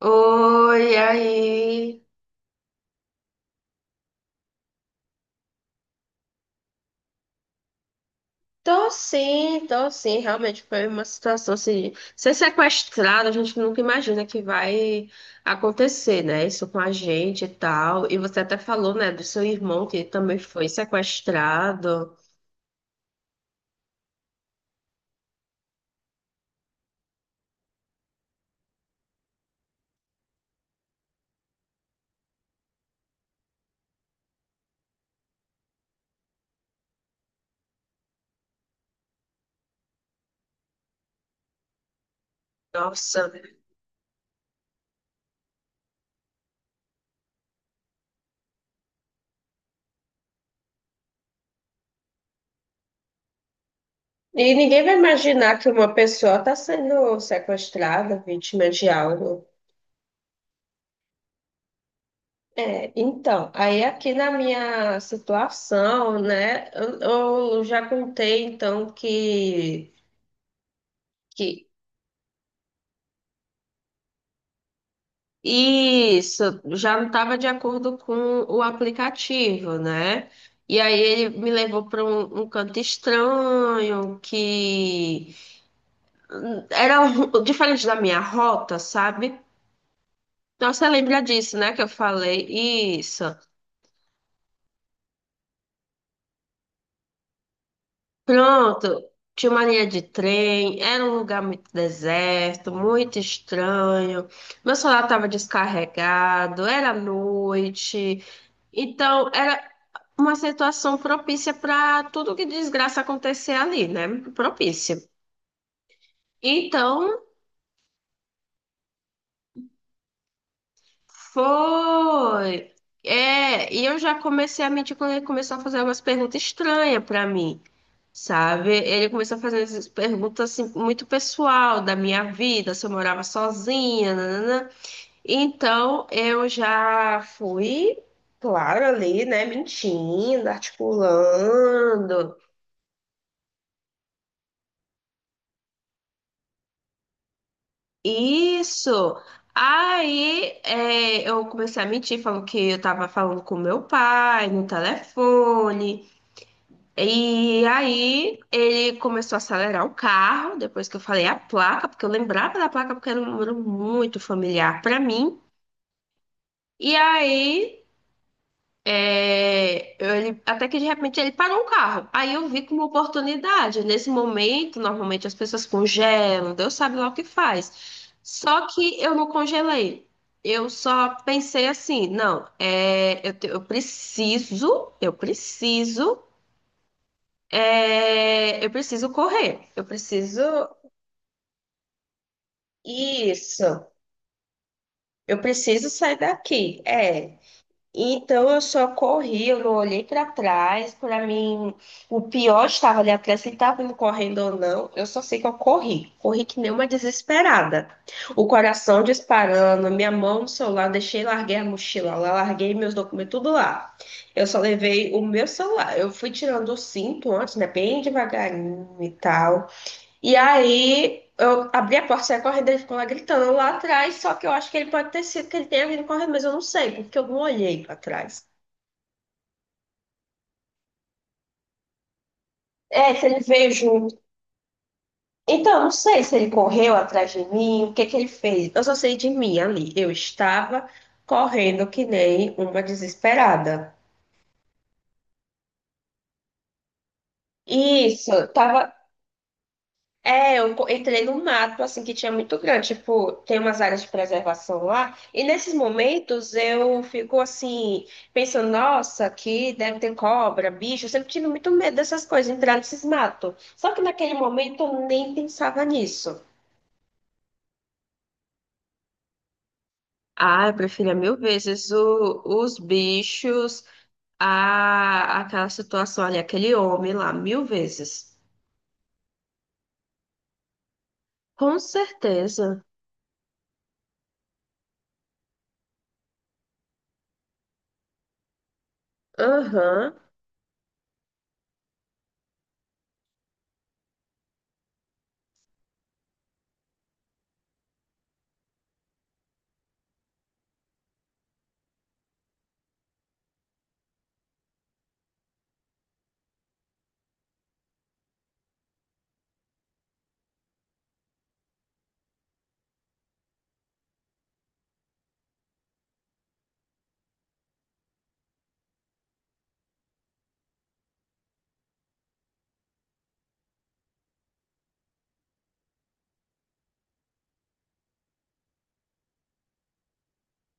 Oi, aí. Tô sim, tô sim. Realmente foi uma situação assim. Ser sequestrado, a gente nunca imagina que vai acontecer, né? Isso com a gente e tal. E você até falou, né, do seu irmão que também foi sequestrado. Nossa. E ninguém vai imaginar que uma pessoa tá sendo sequestrada, vítima de algo. É, então, aí aqui na minha situação, né, eu já contei então que. Que isso já não estava de acordo com o aplicativo, né? E aí ele me levou para um canto estranho que diferente da minha rota, sabe? Então você lembra disso, né? Que eu falei isso. Pronto, tinha uma linha de trem, era um lugar muito deserto, muito estranho. Meu celular estava descarregado, era noite. Então, era uma situação propícia para tudo que desgraça acontecer ali, né? Propícia. Então, foi. É, e eu já comecei a mentir quando ele começou a fazer umas perguntas estranhas para mim, sabe? Ele começou a fazer essas perguntas assim, muito pessoal da minha vida, se eu morava sozinha, nanana. Então, eu já fui, claro, ali, né, mentindo, articulando. Isso! Aí é, eu comecei a mentir, falando que eu tava falando com meu pai no telefone. E aí ele começou a acelerar o carro, depois que eu falei a placa, porque eu lembrava da placa porque era um número muito familiar pra mim. E aí é, ele, até que de repente ele parou o carro. Aí eu vi como oportunidade. Nesse momento, normalmente as pessoas congelam, Deus sabe lá o que faz. Só que eu não congelei. Eu só pensei assim, não, é, eu, eu preciso, eu preciso correr. Eu preciso. Isso. Eu preciso sair daqui. É. Então eu só corri, eu não olhei para trás. Para mim, o pior estava ali atrás, se ele estava me correndo ou não. Eu só sei que eu corri. Corri que nem uma desesperada. O coração disparando, minha mão no celular, deixei, larguei a mochila lá, larguei meus documentos, tudo lá. Eu só levei o meu celular. Eu fui tirando o cinto antes, né? Bem devagarinho e tal. E aí eu abri a porta, saí correndo, ele ficou lá gritando lá atrás, só que eu acho que ele pode ter sido que ele tenha vindo correndo, mas eu não sei, porque eu não olhei pra trás. É, se ele veio junto. Então, eu não sei se ele correu atrás de mim, o que que ele fez. Eu só sei de mim ali. Eu estava correndo que nem uma desesperada. Isso, tava. É, eu entrei num mato, assim, que tinha muito grande. Tipo, tem umas áreas de preservação lá. E nesses momentos eu fico, assim, pensando, nossa, aqui deve ter cobra, bicho. Eu sempre tive muito medo dessas coisas, entrar nesses matos. Só que naquele momento eu nem pensava nisso. Ah, eu preferia mil vezes os bichos, aquela situação ali, aquele homem lá, mil vezes. Com certeza. Aham.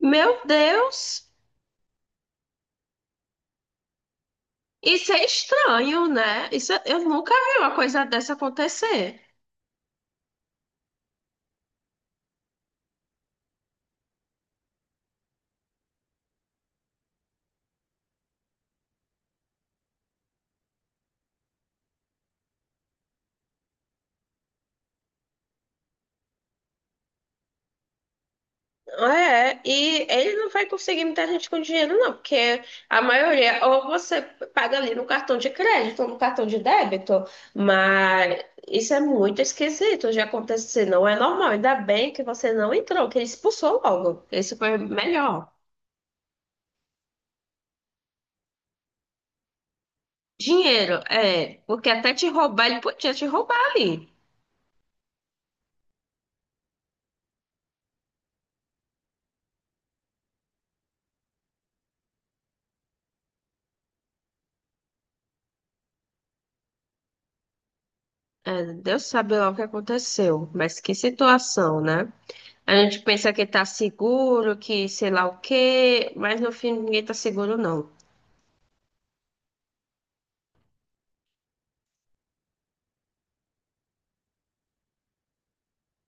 Meu Deus! Isso é estranho, né? Isso, eu nunca vi uma coisa dessa acontecer. É, e ele não vai conseguir muita gente com dinheiro, não, porque a maioria, ou você paga ali no cartão de crédito, ou no cartão de débito, mas isso é muito esquisito de acontecer, não é normal. Ainda bem que você não entrou, que ele expulsou logo. Isso foi melhor. Dinheiro, é, porque até te roubar, ele podia te roubar ali. É, Deus sabe lá o que aconteceu, mas que situação, né? A gente pensa que tá seguro, que sei lá o quê, mas no fim ninguém tá seguro, não.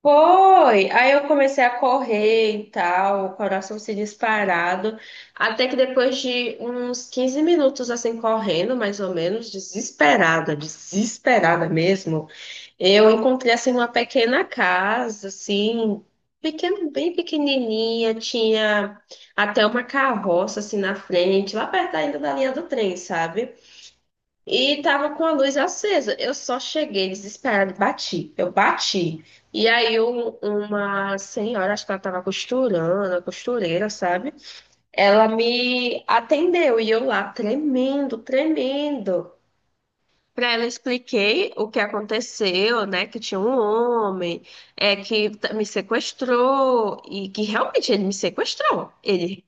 Foi! Aí eu comecei a correr e tal, o coração se disparado, até que depois de uns 15 minutos assim correndo, mais ou menos, desesperada, desesperada mesmo, eu encontrei assim uma pequena casa, assim, pequena, bem pequenininha, tinha até uma carroça assim na frente, lá perto ainda da linha do trem, sabe? E tava com a luz acesa. Eu só cheguei desesperada e bati. Eu bati. E aí uma senhora, acho que ela tava costurando, a costureira, sabe? Ela me atendeu e eu lá tremendo, tremendo. Pra ela eu expliquei o que aconteceu, né? Que tinha um homem, é que me sequestrou e que realmente ele me sequestrou. Ele.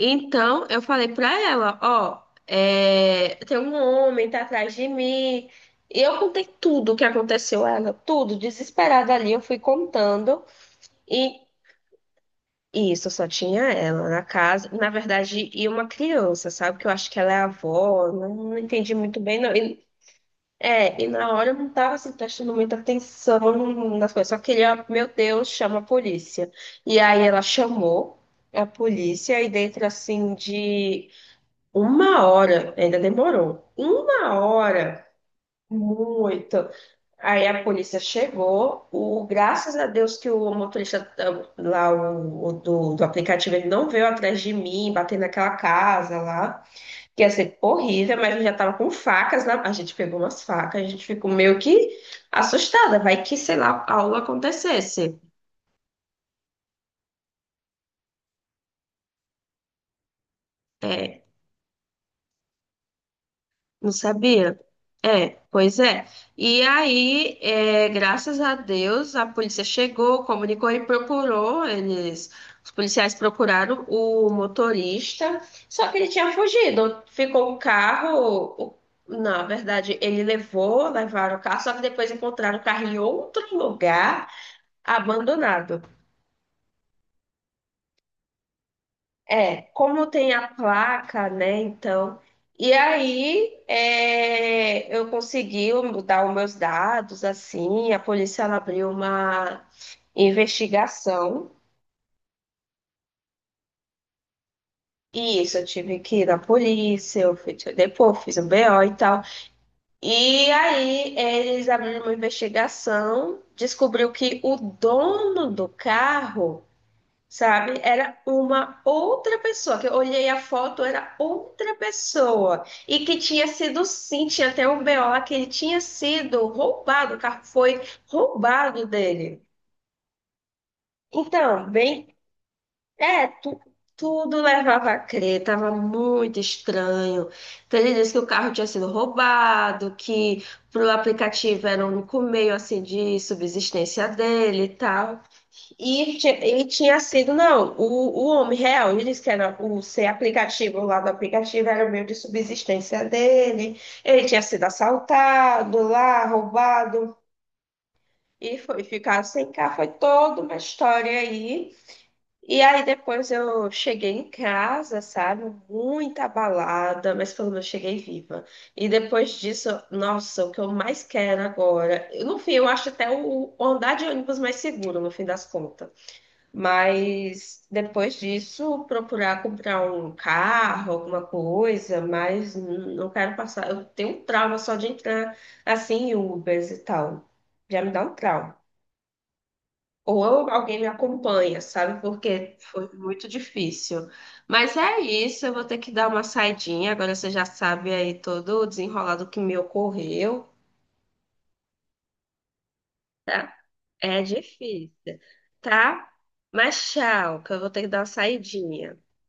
Então, eu falei pra ela, ó, é, tem um homem, tá atrás de mim. E eu contei tudo o que aconteceu a ela, tudo, desesperada ali, eu fui contando. E isso, só tinha ela na casa, na verdade, e uma criança, sabe? Que eu acho que ela é a avó, não, não entendi muito bem, não. E, é, e na hora eu não tava, assim, prestando muita atenção nas coisas, só queria, meu Deus, chama a polícia. E aí ela chamou a polícia, e dentro, assim, de... Uma hora, ainda demorou. Uma hora, muito. Aí a polícia chegou. O, graças a Deus que o motorista ah, lá do aplicativo, ele não veio atrás de mim, batendo naquela casa lá, que ia ser horrível, mas eu já tava com facas na. A gente pegou umas facas, a gente ficou meio que assustada. Vai que, sei lá, algo acontecesse. É, não sabia? É, pois é. E aí, é, graças a Deus, a polícia chegou, comunicou e procurou. Eles, os policiais procuraram o motorista, só que ele tinha fugido. Ficou o carro. o- Na verdade, ele levou, levaram o carro, só que depois encontraram o carro em outro lugar, abandonado. É, como tem a placa, né? Então, e aí é, eu consegui dar os meus dados, assim, a polícia ela abriu uma investigação. E isso, eu tive que ir na polícia, eu fui depois, fiz um BO e tal. E aí eles abriram uma investigação, descobriu que o dono do carro, sabe? Era uma outra pessoa, que eu olhei a foto, era outra pessoa. E que tinha sido, sim, tinha até um BO lá que ele tinha sido roubado, o carro foi roubado dele. Então, bem, é, tudo levava a crer, tava muito estranho. Então, ele disse que o carro tinha sido roubado, que pro aplicativo era o único meio, assim, de subsistência dele e tal. E, e tinha sido, não, o homem real, ele disse que era o ser aplicativo lá do aplicativo, era o meio de subsistência dele. Ele tinha sido assaltado lá, roubado, e foi ficar sem carro. Foi toda uma história aí. E aí depois eu cheguei em casa, sabe? Muito abalada, mas pelo menos cheguei viva. E depois disso, nossa, o que eu mais quero agora. No fim, eu acho até o andar de ônibus mais seguro, no fim das contas. Mas depois disso, procurar comprar um carro, alguma coisa, mas não quero passar. Eu tenho um trauma só de entrar assim em Ubers e tal. Já me dá um trauma. Ou alguém me acompanha, sabe? Porque foi muito difícil. Mas é isso, eu vou ter que dar uma saidinha. Agora você já sabe aí todo o desenrolado que me ocorreu, tá? É difícil, tá? Mas tchau, que eu vou ter que dar uma saidinha.